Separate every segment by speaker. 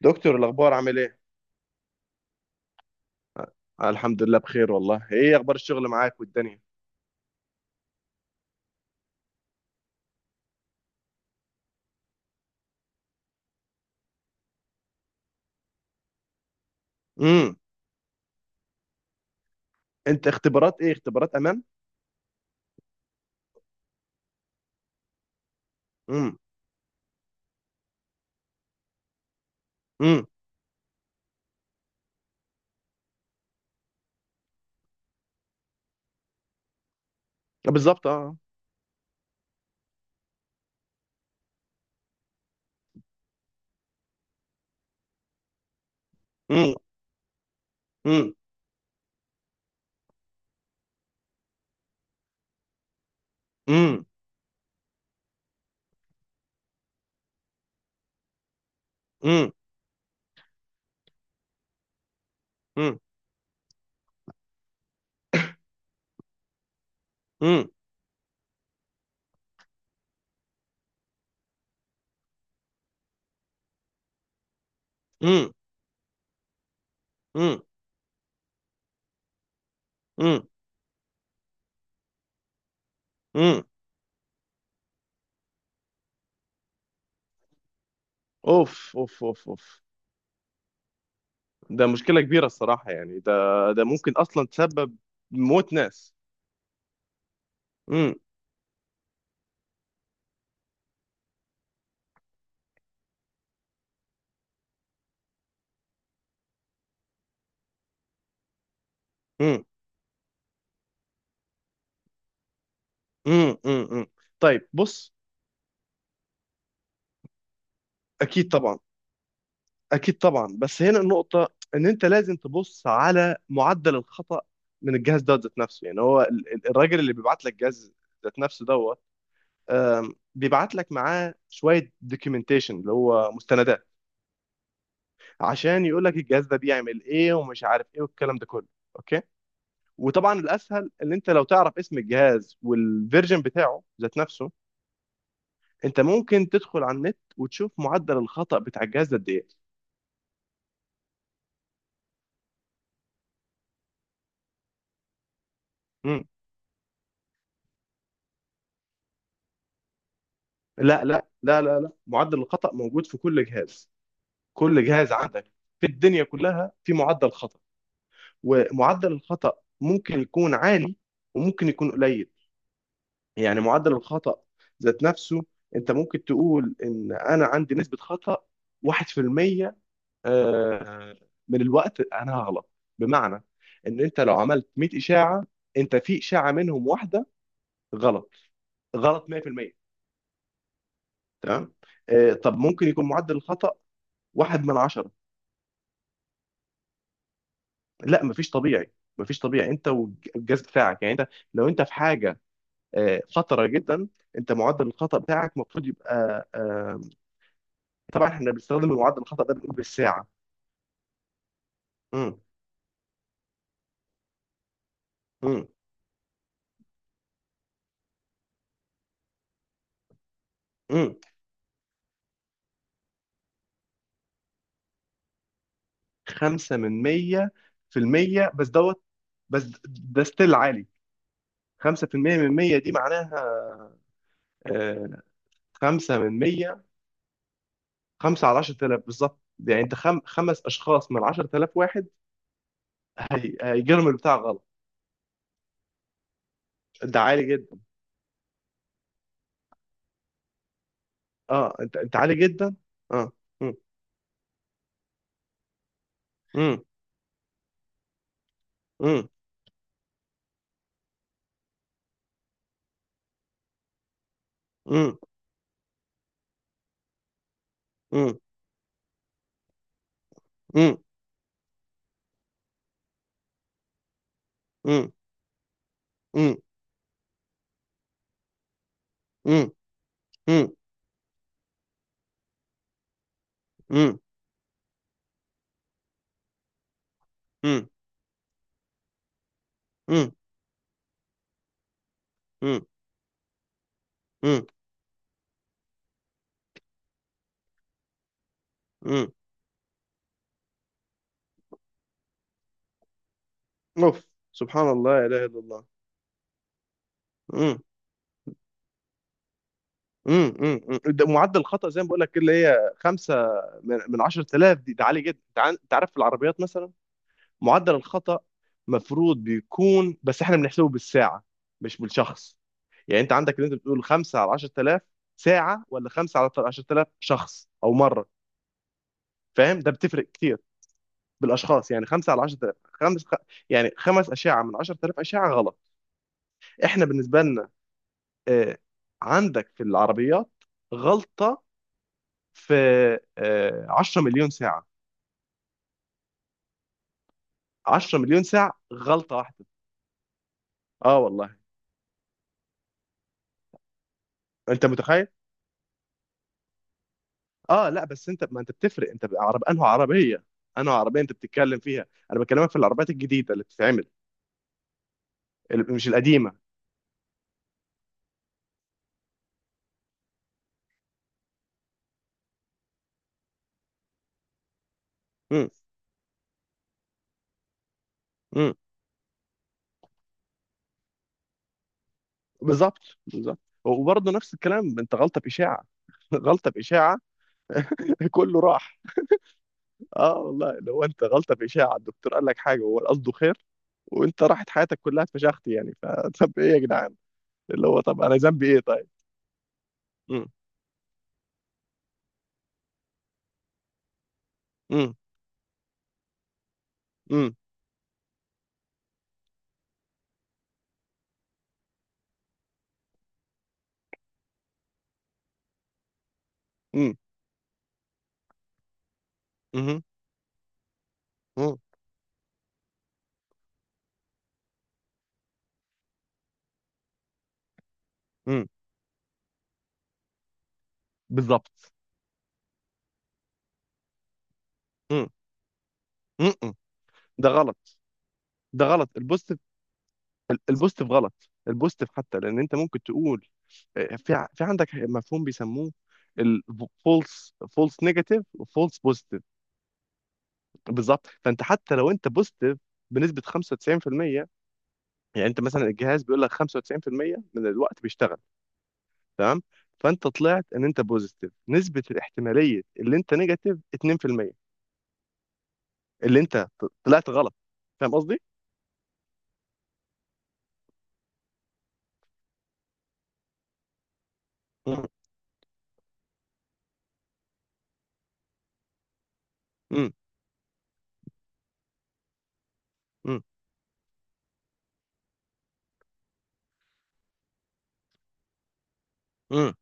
Speaker 1: دكتور، الاخبار عامل ايه؟ آه، الحمد لله بخير والله. ايه اخبار الشغل معاك والدنيا؟ امم. انت اختبارات ايه؟ اختبارات امان. امم. امم. آه، بالظبط، اه. امم. امم. امم. امم. امم. امم. امم. امم. امم. أمم. اوف اوف اوف اوف. ده مشكلة كبيرة الصراحة، يعني ده ده ممكن اصلا تسبب موت ناس. امم. امم. امم. امم. أمم. طيب بص. اكيد طبعا. اكيد طبعا، بس هنا النقطه ان انت لازم تبص على معدل الخطا من الجهاز ده ذات نفسه. يعني هو ال- ال- الراجل اللي بيبعت لك جهاز ذات نفسه دوت، بيبعت لك معاه شويه دوكيومنتيشن اللي هو مستندات عشان يقول لك الجهاز ده بيعمل ايه ومش عارف ايه والكلام ده كله. اوكي. وطبعا الاسهل ان انت لو تعرف اسم الجهاز والفيرجن بتاعه ذات نفسه، انت ممكن تدخل على النت وتشوف معدل الخطا بتاع الجهاز ده قد ايه. لا لا لا لا لا، معدل الخطأ موجود في كل جهاز، كل جهاز عندك في الدنيا كلها في معدل خطأ. ومعدل الخطأ ممكن يكون عالي وممكن يكون قليل. يعني معدل الخطأ ذات نفسه، انت ممكن تقول ان انا عندي نسبة خطأ 1%، آه، من الوقت انا هغلط. بمعنى ان انت لو عملت 100 إشاعة، انت في إشاعة منهم واحدة غلط. غلط 100%. تمام. طب ممكن يكون معدل الخطأ واحد من عشرة. لا مفيش طبيعي، مفيش طبيعي انت والجهاز بتاعك. يعني انت لو انت في حاجه خطره جدا، انت معدل الخطا بتاعك المفروض يبقى طبعا احنا بنستخدم معدل الخطا ده بنقول بالساعه. امم. امم. امم. 5 من 100 في المية بس دوت. بس ده ستيل عالي. 5% من 100 دي معناها آه، 5 من 100. 5 على 10,000 بالظبط. يعني انت خم... خمس اشخاص من 10,000 واحد هي... هيجيلهم البتاع غلط. ده عالي جدا. اه، انت انت عالي جدا. اه. مم. مم. مم. مم. مم. مم. مم. مم. مم. مم. مم. مم. مم. مم. مم. مم. اوف. سبحان الله لا اله الا الله. مم. مم. مم. مم. ده معدل الخطأ زي ما بقول لك كده اللي هي 5 من من 10,000 دي، ده عالي جدا. انت عن- أنت عارف في العربيات مثلا معدل الخطأ مفروض بيكون، بس احنا بنحسبه بالساعة مش بالشخص. يعني انت عندك، اللي انت بتقول 5 على 10,000 ساعه ولا 5 على 10,000 شخص او مره؟ فاهم، ده بتفرق كتير. بالاشخاص. يعني 5 على 10,000 خمس خ... يعني خمس اشعه من 10,000 اشعه غلط. احنا بالنسبه لنا آه، عندك في العربيات غلطه في 10 مليون ساعه. 10 مليون ساعه غلطه واحده. اه والله. انت متخيل؟ اه، لا بس انت، ما انت بتفرق. انت عرب انه عربيه. انه عربيه انت بتتكلم فيها، انا بكلمك في العربيات الجديده اللي بتتعمل، اللي- مش القديمه. مم. بالظبط بالظبط. وبرضه نفس الكلام، انت غلطه باشاعه غلطه باشاعه كله راح. اه والله، لو انت غلطه باشاعه الدكتور قال لك حاجه وهو قصده خير وانت راحت حياتك كلها اتفشخت. يعني فطب ايه يا جدعان؟ اللي هو طب انا ذنبي ايه طيب؟ مم. مم. مم. مم. مم. مم. مم. بالظبط. مم. مم. مم. ده غلط. ده غلط البوستيف. البوستيف غلط. البوستيف، حتى لان انت ممكن تقول في ع- في عندك مفهوم بيسموه الفولس، فولس نيجاتيف وفولس بوزيتيف. بالظبط. فانت حتى لو انت بوزيتيف بنسبه 95%، يعني انت مثلا الجهاز بيقول لك 95% من الوقت بيشتغل. تمام. فانت طلعت ان انت بوزيتيف، نسبه الاحتماليه اللي انت نيجاتيف 2%، اللي انت ط- طلعت غلط. فاهم قصدي؟ مم. مم. مم. مم.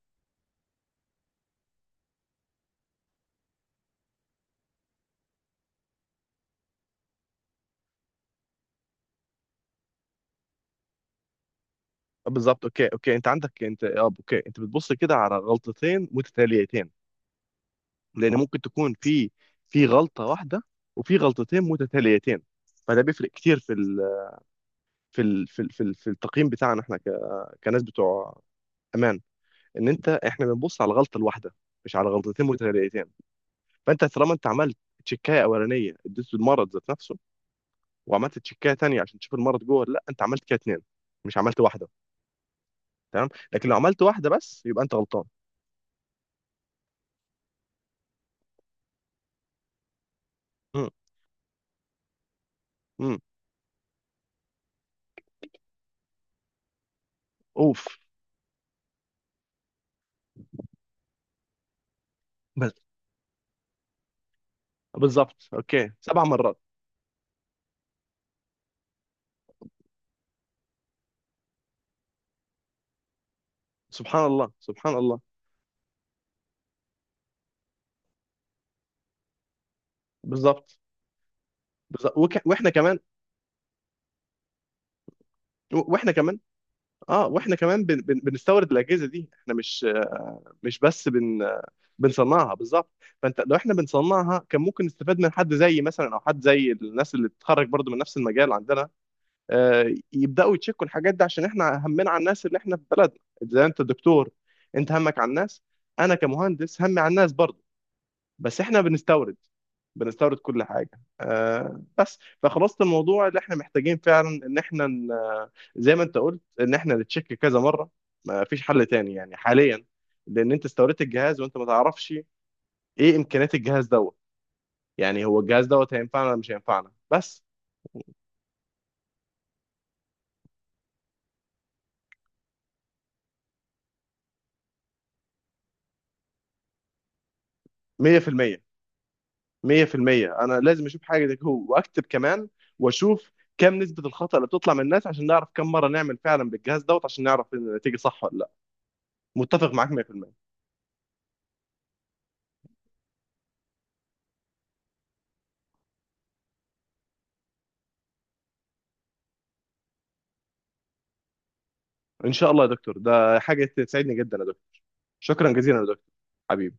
Speaker 1: بالظبط. اوكي اوكي. انت عندك، انت، اه، اوكي. انت بتبص كده على غلطتين متتاليتين. لان ممكن تكون في في غلطه واحده وفي غلطتين متتاليتين، فده بيفرق كتير في ال في ال في ال في، ال في التقييم بتاعنا احنا ك- كناس بتوع امان. ان انت، احنا بنبص على الغلطه الواحده مش على غلطتين متتاليتين. فانت طالما انت عملت تشيكايه اولانيه اديته المرض ذات نفسه وعملت تشيكايه تانيه عشان تشوف المرض جوه ولا لا، انت عملت كده اتنين مش عملت واحده. تمام. لكن لو عملت واحده بس يبقى انت غلطان. امم. امم. اوف. بس. بالظبط اوكي سبع مرات. سبحان الله سبحان الله. بالظبط. بالظبط وك... واحنا كمان. واحنا كمان. اه واحنا كمان بن... بن... بنستورد الاجهزه دي. احنا مش مش بس بن بنصنعها. بالظبط. فانت لو احنا بنصنعها كان ممكن نستفاد من حد زي مثلا، او حد زي الناس اللي بتتخرج برضو من نفس المجال عندنا، يبداوا يتشكوا الحاجات دي عشان احنا همنا على الناس اللي احنا في بلدنا. زي انت دكتور، انت همك على الناس، انا كمهندس همي على الناس برضو، بس احنا بنستورد. بنستورد كل حاجه. آه بس، فخلاصه الموضوع اللي احنا محتاجين فعلا ان احنا ن- زي ما انت قلت ان احنا نتشيك كذا مره. ما فيش حل تاني يعني حاليا. لان انت استوردت الجهاز وانت ما تعرفش ايه امكانيات الجهاز دوت. يعني هو الجهاز دوت هينفعنا ولا مش هينفعنا بس؟ 100%. 100% انا لازم اشوف حاجه زي كده واكتب كمان. واشوف كم نسبه الخطا اللي بتطلع من الناس عشان نعرف كم مره نعمل فعلا بالجهاز دوت عشان نعرف ان النتيجه صح ولا لا. متفق معاك 100%. ان شاء الله يا دكتور، ده حاجه تسعدني جدا يا دكتور. شكرا جزيلا يا دكتور حبيبي.